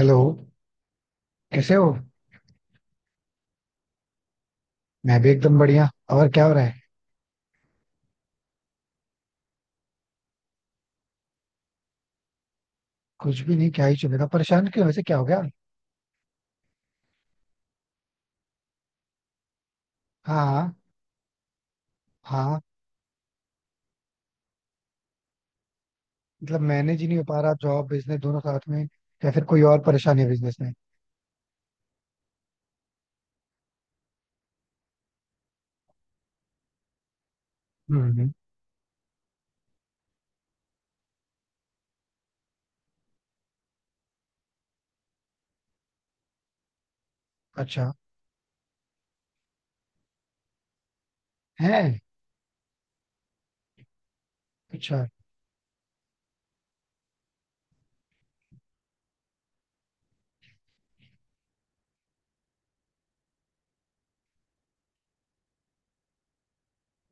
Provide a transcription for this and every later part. Hello. कैसे हो? मैं भी एकदम बढ़िया. और क्या हो रहा है? कुछ भी नहीं, क्या ही चलेगा. परेशान क्यों, वैसे क्या हो गया? हाँ, हाँ. हाँ, मतलब मैनेज ही नहीं हो पा रहा, जॉब बिजनेस दोनों साथ में? या फिर कोई और परेशानी है बिजनेस में? हम्म, हम्म. अच्छा. है. अच्छा.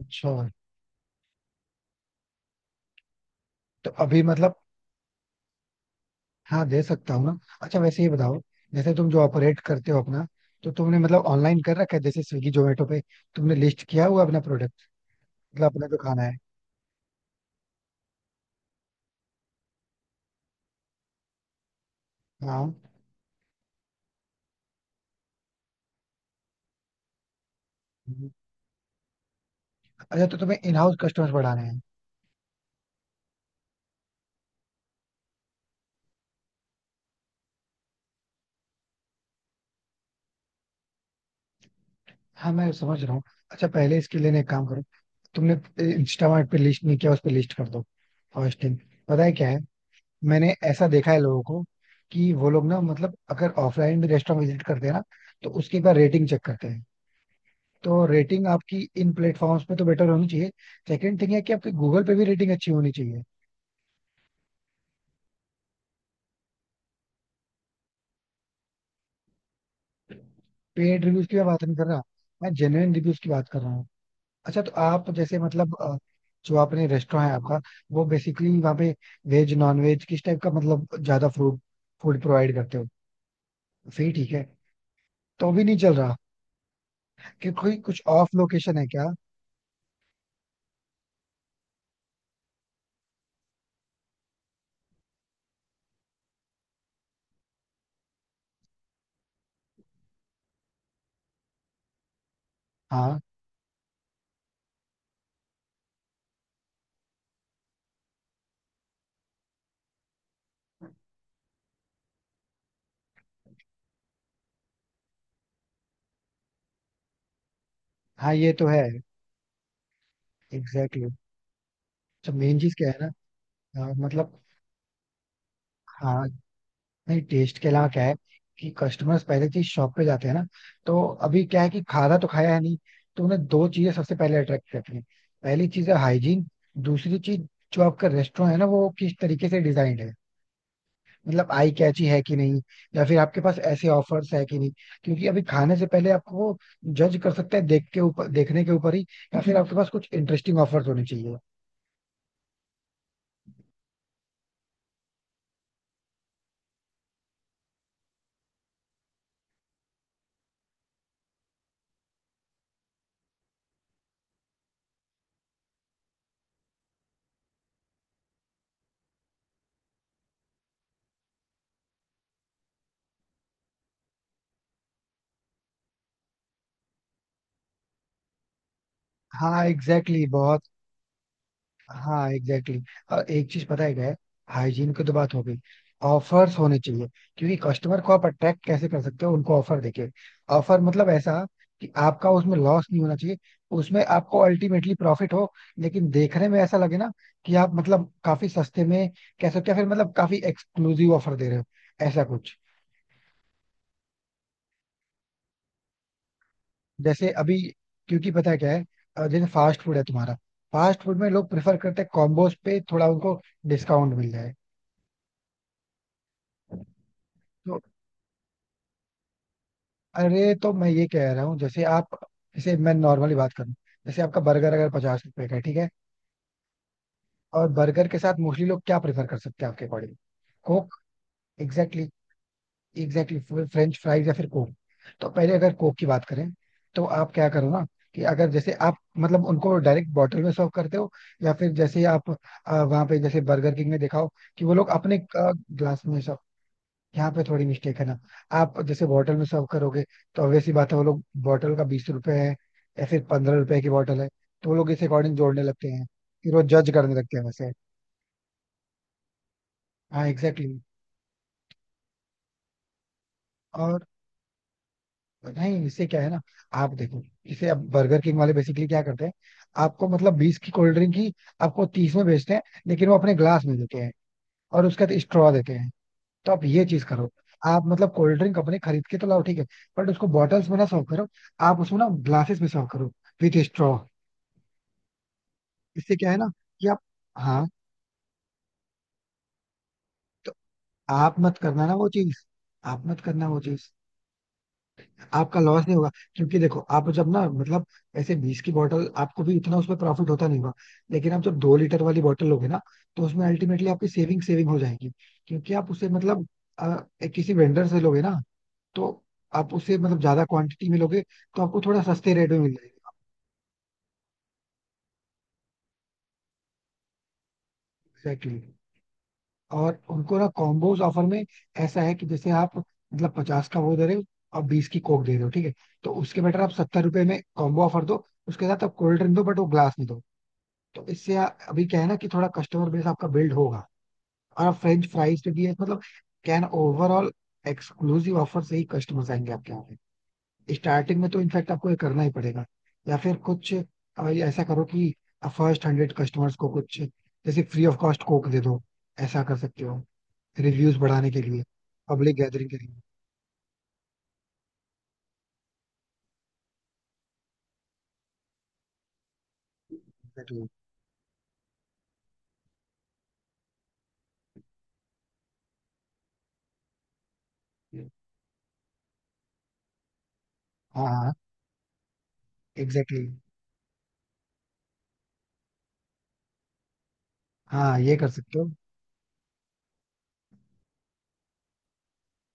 अच्छा तो अभी मतलब... हाँ दे सकता हूँ ना. अच्छा वैसे ये बताओ, जैसे तुम जो ऑपरेट करते हो अपना, तो तुमने मतलब ऑनलाइन कर रखा है, जैसे स्विगी जोमेटो पे तुमने लिस्ट किया हुआ अपना प्रोडक्ट, मतलब अपना जो खाना है. हाँ. हम्म. अच्छा तो तुम्हें इन हाउस कस्टमर्स बढ़ाने हैं. हाँ मैं समझ रहा हूँ. अच्छा पहले इसके लिए ना एक काम करो. तुमने इंस्टामार्ट पे लिस्ट नहीं किया, उस पे लिस्ट कर दो. First thing. पता है क्या है, मैंने ऐसा देखा है लोगों को कि वो लोग ना मतलब अगर ऑफलाइन भी रेस्टोरेंट विजिट करते हैं ना, तो उसकी एक बार रेटिंग चेक करते हैं. तो रेटिंग आपकी इन प्लेटफॉर्म्स पे तो बेटर होनी चाहिए. सेकंड थिंग है कि आपकी गूगल पे भी रेटिंग अच्छी होनी चाहिए. पेड रिव्यूज की मैं बात नहीं कर रहा, मैं जेन्युइन रिव्यूज की बात कर रहा हूँ. अच्छा तो आप जैसे मतलब जो आपने रेस्टोरेंट है आपका, वो बेसिकली वहाँ पे वेज नॉन वेज किस टाइप का, मतलब ज्यादा फूड फूड प्रोवाइड करते हो? फिर ठीक है. तो भी नहीं चल रहा? कि कोई कुछ ऑफ लोकेशन है क्या? हाँ. हाँ ये तो है. Exactly exactly. तो मेन चीज क्या है? ना मतलब... हाँ. नहीं टेस्ट के अलावा क्या है? कि कस्टमर्स पहले चीज शॉप पे जाते हैं ना, तो अभी क्या है कि खाना तो खाया है नहीं. तो उन्हें दो चीजें सबसे पहले अट्रैक्ट करती हैं. पहली चीज है हाइजीन. दूसरी चीज, जो आपका रेस्टोरेंट है ना, वो किस तरीके से डिजाइंड है. मतलब आई कैची है कि नहीं, या फिर आपके पास ऐसे ऑफर्स है कि नहीं. क्योंकि अभी खाने से पहले आपको वो जज कर सकते हैं, देख के ऊपर, देखने के ऊपर ही. या फिर आपके पास कुछ इंटरेस्टिंग ऑफर्स होने चाहिए. हाँ एग्जैक्टली exactly, बहुत. हाँ एग्जैक्टली exactly. और एक चीज पता है क्या है, हाइजीन की तो बात हो गई. ऑफर्स होने चाहिए, क्योंकि कस्टमर को आप अट्रैक्ट कैसे कर सकते हो, उनको ऑफर देके. ऑफर मतलब ऐसा कि आपका उसमें लॉस नहीं होना चाहिए, उसमें आपको अल्टीमेटली प्रॉफिट हो, लेकिन देखने में ऐसा लगे ना कि आप मतलब काफी सस्ते में कह सकते हो, या फिर मतलब काफी एक्सक्लूसिव ऑफर दे रहे हो, ऐसा कुछ. जैसे अभी, क्योंकि पता है क्या है, जैसे फास्ट फूड है तुम्हारा. फास्ट फूड में लोग प्रेफर करते हैं कॉम्बोज पे, थोड़ा उनको डिस्काउंट मिल जाए. तो अरे तो मैं ये कह रहा हूँ, जैसे आप, जैसे मैं नॉर्मली बात करूँ, जैसे आपका बर्गर अगर 50 रुपए का है, ठीक है. और बर्गर के साथ मोस्टली लोग क्या प्रेफर कर सकते हैं आपके according? Coke. Exactly. Exactly. French fries या फिर कोक. तो पहले अगर कोक की बात करें, तो आप क्या करो ना, कि अगर जैसे आप मतलब उनको डायरेक्ट बॉटल में सर्व करते हो, या फिर जैसे आप वहाँ पे जैसे बर्गर किंग में देखा हो कि वो लोग अपने ग्लास में... यहाँ पे थोड़ी मिस्टेक है ना. आप जैसे बॉटल में सर्व करोगे, तो obvious सी बात है, वो लोग बॉटल का 20 रुपए है, या फिर 15 रुपए की बॉटल है, तो वो लोग इस अकॉर्डिंग जोड़ने लगते हैं. फिर वो जज करने लगते हैं वैसे. हाँ एग्जैक्टली exactly. और नहीं, इससे क्या है ना, आप देखो जैसे अब बर्गर किंग वाले बेसिकली क्या करते हैं, आपको मतलब 20 की कोल्ड ड्रिंक ही आपको 30 में बेचते हैं. लेकिन वो अपने ग्लास में देते हैं, और उसके साथ स्ट्रॉ देते हैं. तो आप ये चीज करो, आप मतलब कोल्ड ड्रिंक अपने खरीद के तो लाओ, ठीक है, बट उसको बॉटल्स में ना सर्व करो, आप उसमें ना ग्लासेस में सर्व करो, विथ स्ट्रॉ. इससे क्या है ना कि आप... हाँ, तो आप मत करना ना वो चीज, आप मत करना वो चीज. आपका लॉस नहीं होगा. क्योंकि देखो आप जब ना मतलब, ऐसे 20 की बॉटल आपको भी इतना उसमें प्रॉफिट होता नहीं होगा, लेकिन आप जब 2 लीटर वाली बॉटल लोगे ना, तो उसमें अल्टीमेटली आपकी सेविंग सेविंग हो जाएगी. क्योंकि आप उसे मतलब अ, एक किसी वेंडर से लोगे ना, तो आप उसे मतलब ज्यादा क्वांटिटी में लोगे, तो आपको थोड़ा सस्ते रेट में मिल जाएगा. एग्जैक्टली. और उनको ना कॉम्बोज ऑफर में ऐसा है कि जैसे आप मतलब 50 का वो दे रहे हो, और 20 की कोक दे रहे हो, ठीक है, तो उसके बेटर आप 70 रुपए में कॉम्बो ऑफर दो, उसके साथ आप कोल्ड ड्रिंक दो बट वो ग्लास में दो. तो इससे अभी क्या है ना कि थोड़ा कस्टमर बेस आपका बिल्ड होगा. और आप फ्रेंच फ्राइज पे भी है मतलब, कैन ओवरऑल एक्सक्लूसिव ऑफर से ही कस्टमर्स आएंगे आपके यहाँ. स्टार्टिंग में तो इनफैक्ट आपको ये करना ही पड़ेगा. या फिर कुछ ये ऐसा करो कि फर्स्ट 100 कस्टमर्स को कुछ जैसे फ्री ऑफ कॉस्ट कोक दे दो. ऐसा कर सकते हो, रिव्यूज बढ़ाने के लिए, पब्लिक गैदरिंग के लिए. एग्जैक्टली. हाँ, हाँ एग्जैक्टली exactly. हाँ ये कर सकते हो.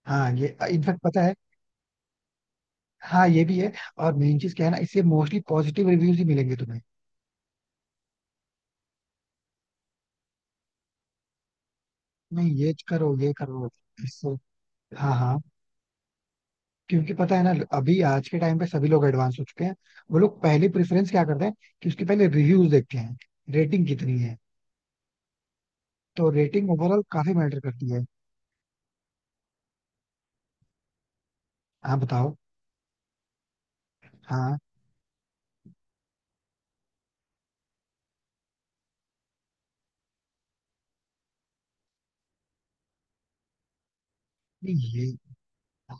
हाँ ये इनफैक्ट पता है. हाँ ये भी है. और मेन चीज क्या है ना, इससे मोस्टली पॉजिटिव रिव्यूज ही मिलेंगे तुम्हें. नहीं ये करो, ये करो इससे. हाँ, हाँ. क्योंकि पता है ना, अभी आज के टाइम पे सभी लोग एडवांस हो चुके हैं. वो लोग पहले प्रेफरेंस क्या करते हैं, कि उसके पहले रिव्यूज देखते हैं, रेटिंग कितनी है. तो रेटिंग ओवरऑल काफी मैटर करती है. हाँ बताओ. हाँ. नहीं ये...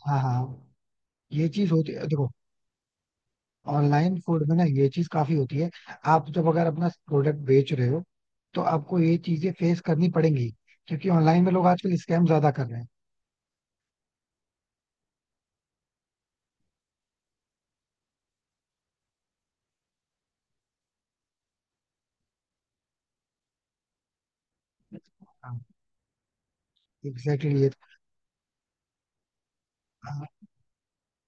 हाँ, हाँ, ये चीज होती है देखो. ऑनलाइन फूड में ना ये चीज काफी होती है. आप जब अगर अपना प्रोडक्ट बेच रहे हो, तो आपको ये चीजें फेस करनी पड़ेंगी, क्योंकि ऑनलाइन में लोग आजकल स्कैम ज्यादा कर रहे हैं. हाँ. एग्जैक्टली ये... हाँ,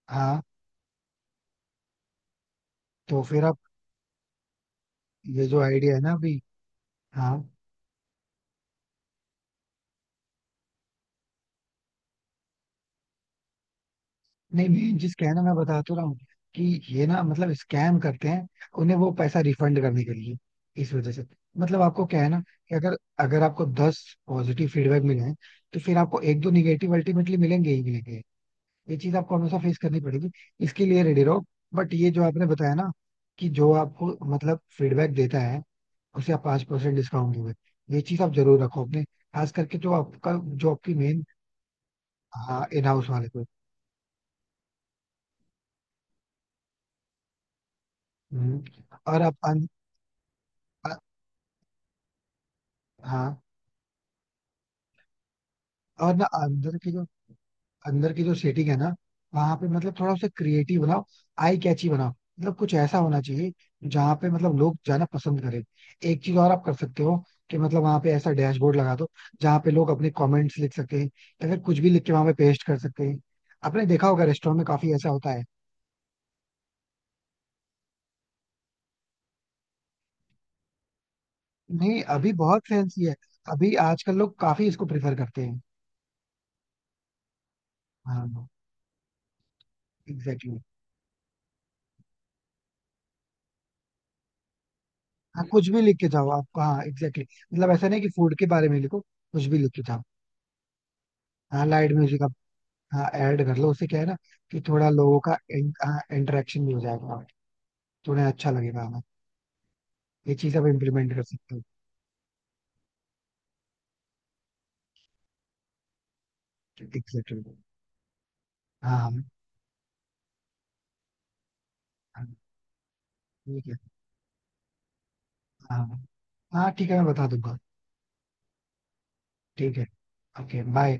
हाँ. तो फिर आप... ये जो आइडिया है ना अभी... हाँ. नहीं मेन जिस कहना मैं बता तो रहा हूँ, कि ये ना मतलब स्कैम करते हैं, उन्हें वो पैसा रिफंड करने के लिए, इस वजह से. मतलब आपको क्या है ना कि अगर अगर आपको 10 पॉजिटिव फीडबैक मिले हैं, तो फिर आपको एक दो निगेटिव अल्टीमेटली मिलेंगे ही मिलेंगे. ये चीज आपको हमेशा फेस करनी पड़ेगी, इसके लिए रेडी रहो. बट ये जो आपने बताया ना, कि जो आपको मतलब फीडबैक देता है उसे आप 5% डिस्काउंट दोगे, ये चीज आप जरूर रखो अपने, खास करके जो आपकी मेन... हाँ इन हाउस वाले को. हम्म. और आप हाँ. और ना अंदर की जो, सेटिंग है ना, वहां पे मतलब थोड़ा उसे क्रिएटिव बनाओ, आई कैची बनाओ. मतलब कुछ ऐसा होना चाहिए जहाँ पे मतलब लोग जाना पसंद करें. एक चीज और आप कर सकते हो, कि मतलब वहां पे ऐसा डैशबोर्ड लगा दो जहाँ पे लोग अपने कमेंट्स लिख सकते हैं, या फिर कुछ भी लिख के वहां पे पेस्ट कर सकते हैं. आपने देखा होगा रेस्टोरेंट में काफी ऐसा होता है. नहीं अभी बहुत फैंसी है. अभी आजकल लोग काफी इसको प्रेफर करते हैं. हाँ एग्जैक्टली. हाँ कुछ भी लिख के जाओ आप. हाँ एग्जैक्टली exactly. मतलब ऐसा नहीं कि फूड के बारे में लिखो, कुछ भी लिख के जाओ. हाँ लाइट म्यूजिक आप... हाँ ऐड कर लो. उससे क्या है ना कि थोड़ा लोगों का इंटरेक्शन भी हो जाएगा, थोड़ा अच्छा लगेगा हमें. ये चीज आप इम्प्लीमेंट कर सकते हो. Exactly exactly. हाँ, हाँ. हाँ, ठीक है. हाँ. हाँ ठीक है मैं बता दूंगा. ठीक है. Okay bye.